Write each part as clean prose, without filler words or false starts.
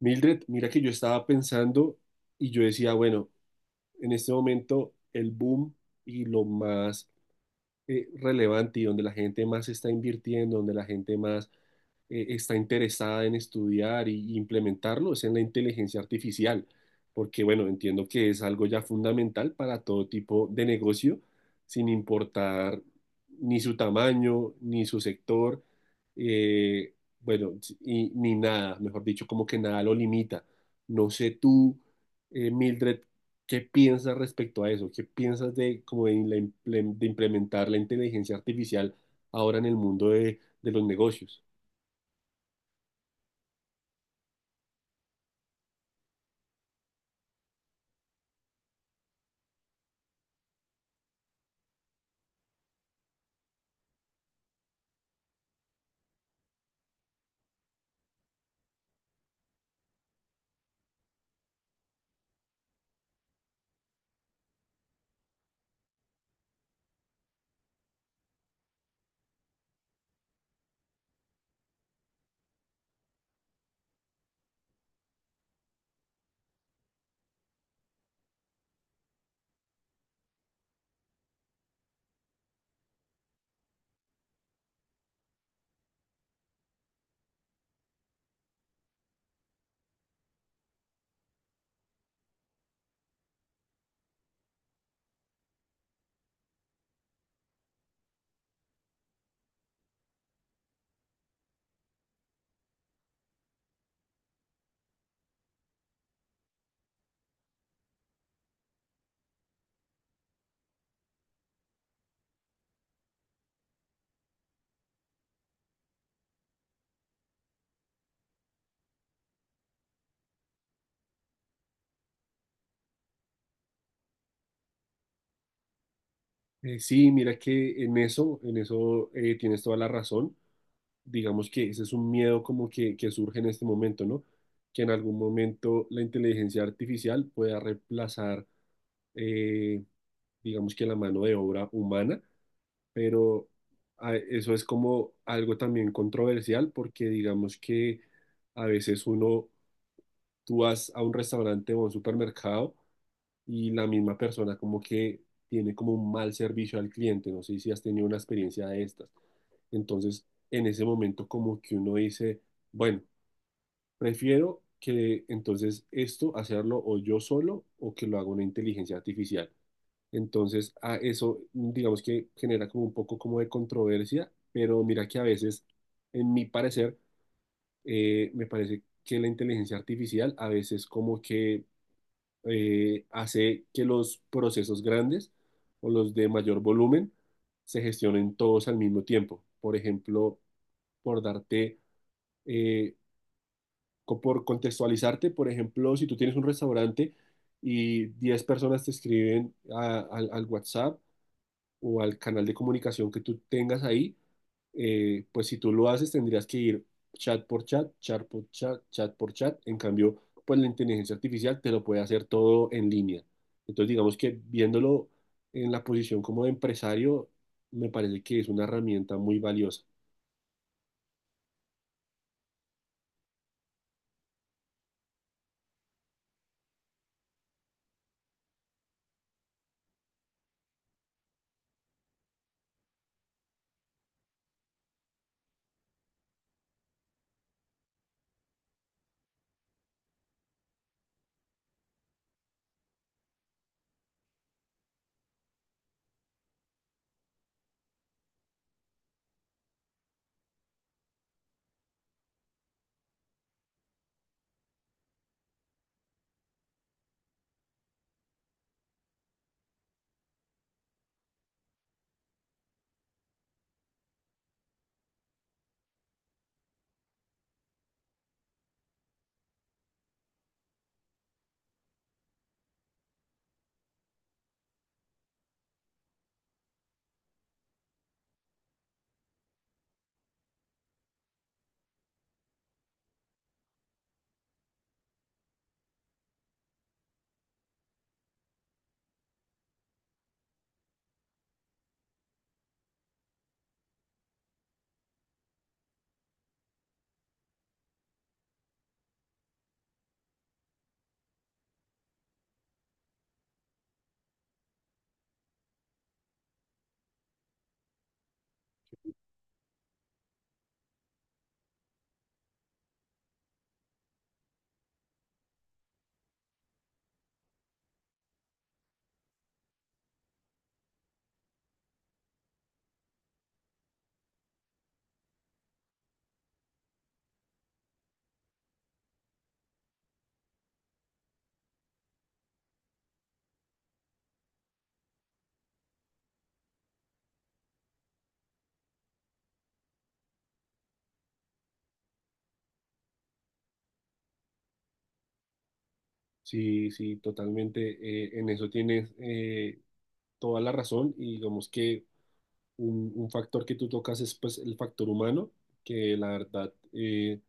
Mildred, mira que yo estaba pensando y yo decía, bueno, en este momento el boom y lo más relevante, y donde la gente más está invirtiendo, donde la gente más está interesada en estudiar y implementarlo, es en la inteligencia artificial, porque bueno, entiendo que es algo ya fundamental para todo tipo de negocio, sin importar ni su tamaño, ni su sector, eh, bueno, si, y, ni nada, mejor dicho, como que nada lo limita. No sé tú, Mildred, ¿qué piensas respecto a eso? ¿Qué piensas de, como de, la de implementar la inteligencia artificial ahora en el mundo de los negocios? Sí, mira que en eso tienes toda la razón. Digamos que ese es un miedo como que surge en este momento, ¿no? Que en algún momento la inteligencia artificial pueda reemplazar, eh, digamos que la mano de obra humana, pero eso es como algo también controversial, porque digamos que a veces uno, tú vas a un restaurante o a un supermercado y la misma persona como que tiene como un mal servicio al cliente. No sé si has tenido una experiencia de estas. Entonces, en ese momento como que uno dice, bueno, prefiero que entonces esto hacerlo o yo solo o que lo haga una inteligencia artificial. Entonces, a eso digamos que genera como un poco como de controversia, pero mira que a veces, en mi parecer, me parece que la inteligencia artificial a veces como que hace que los procesos grandes o los de mayor volumen se gestionen todos al mismo tiempo. Por ejemplo, por darte, eh, por contextualizarte, por ejemplo, si tú tienes un restaurante y 10 personas te escriben al WhatsApp, o al canal de comunicación que tú tengas ahí, pues si tú lo haces tendrías que ir chat por chat, chat por chat, chat por chat. En cambio, pues la inteligencia artificial te lo puede hacer todo en línea. Entonces, digamos que viéndolo en la posición como de empresario, me parece que es una herramienta muy valiosa. Sí, sí, totalmente. En eso tienes toda la razón. Y digamos que un factor que tú tocas es pues el factor humano, que la verdad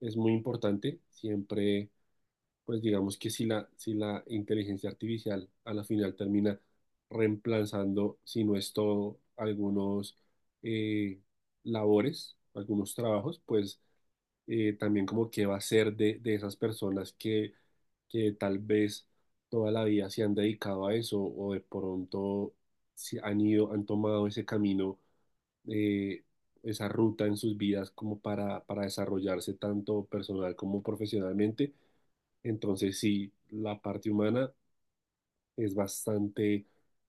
es muy importante. Siempre, pues digamos que si la inteligencia artificial a la final termina reemplazando, si no es todo, algunos eh, labores, algunos trabajos, pues también como que va a ser de esas personas que tal vez toda la vida se han dedicado a eso, o de pronto se han ido, han tomado ese camino, eh, esa ruta en sus vidas como para desarrollarse tanto personal como profesionalmente. Entonces sí, la parte humana es bastante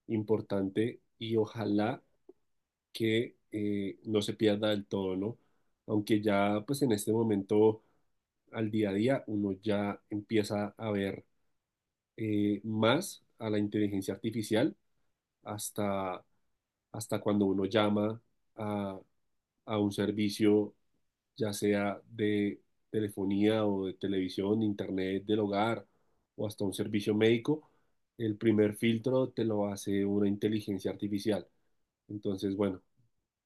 importante, y ojalá que no se pierda del todo, ¿no? Aunque ya pues en este momento, al día a día, uno ya empieza a ver más a la inteligencia artificial hasta, hasta cuando uno llama a, a un servicio, ya sea de telefonía o de televisión, de internet, del hogar, o hasta un servicio médico, el primer filtro te lo hace una inteligencia artificial. Entonces, bueno,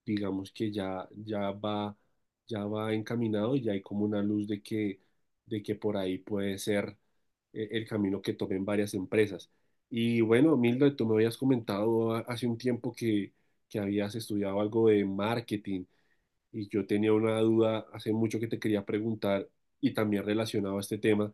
digamos que ya, ya va encaminado, y ya hay como una luz de que por ahí puede ser el camino que tomen varias empresas. Y bueno, Milda, tú me habías comentado hace un tiempo que habías estudiado algo de marketing, y yo tenía una duda hace mucho que te quería preguntar, y también relacionado a este tema.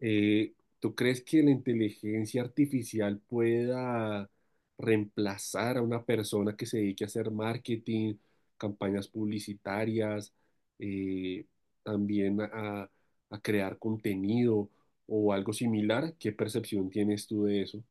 Eh, ¿Tú crees que la inteligencia artificial pueda reemplazar a una persona que se dedique a hacer marketing, campañas publicitarias, eh, también a crear contenido o algo similar? ¿Qué percepción tienes tú de eso?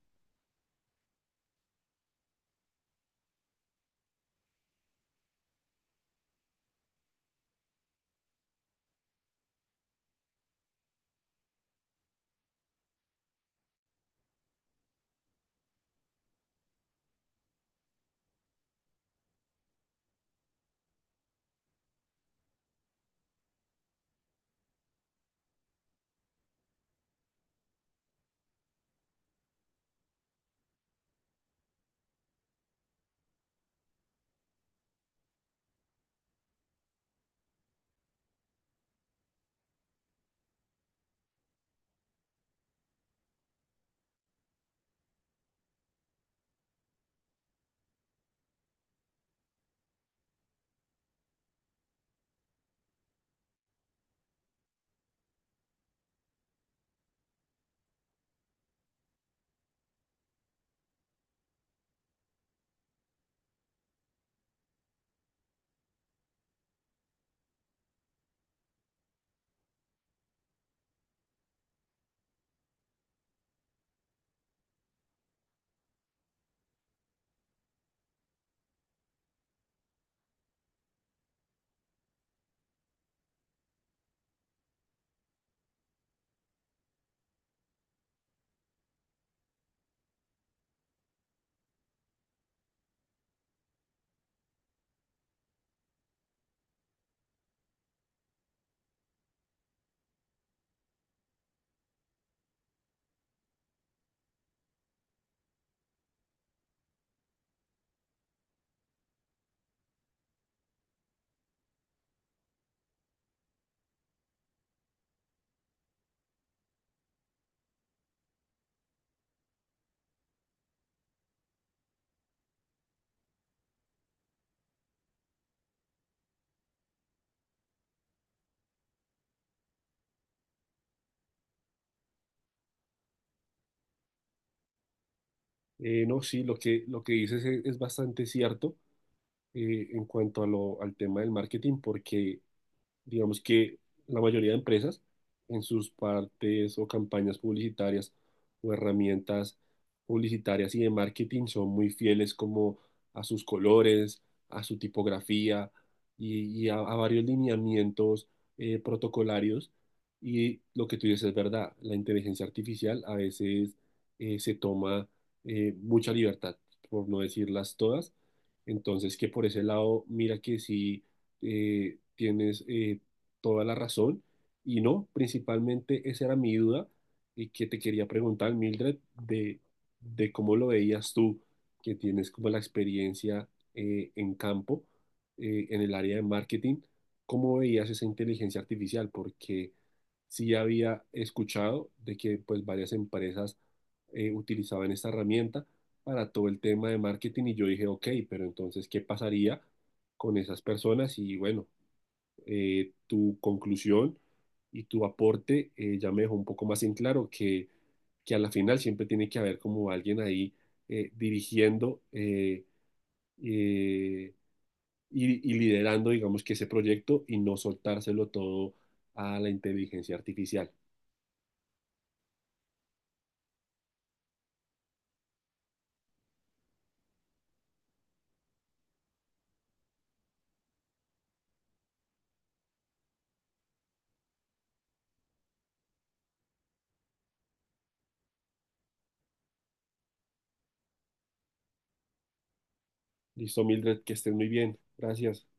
No, sí, lo que dices es bastante cierto en cuanto a al tema del marketing, porque digamos que la mayoría de empresas en sus partes o campañas publicitarias o herramientas publicitarias y de marketing son muy fieles como a sus colores, a su tipografía y a varios lineamientos protocolarios. Y lo que tú dices es verdad, la inteligencia artificial a veces se toma mucha libertad, por no decirlas todas. Entonces, que por ese lado, mira que sí tienes toda la razón. Y no, principalmente esa era mi duda y que te quería preguntar, Mildred, de cómo lo veías tú, que tienes como la experiencia en campo, en el área de marketing, cómo veías esa inteligencia artificial, porque sí había escuchado de que pues varias empresas utilizaban esta herramienta para todo el tema de marketing, y yo dije, ok, pero entonces, ¿qué pasaría con esas personas? Y bueno, tu conclusión y tu aporte ya me dejó un poco más en claro que a la final siempre tiene que haber como alguien ahí dirigiendo eh, y liderando, digamos que ese proyecto, y no soltárselo todo a la inteligencia artificial. Listo, Mildred, que estén muy bien. Gracias.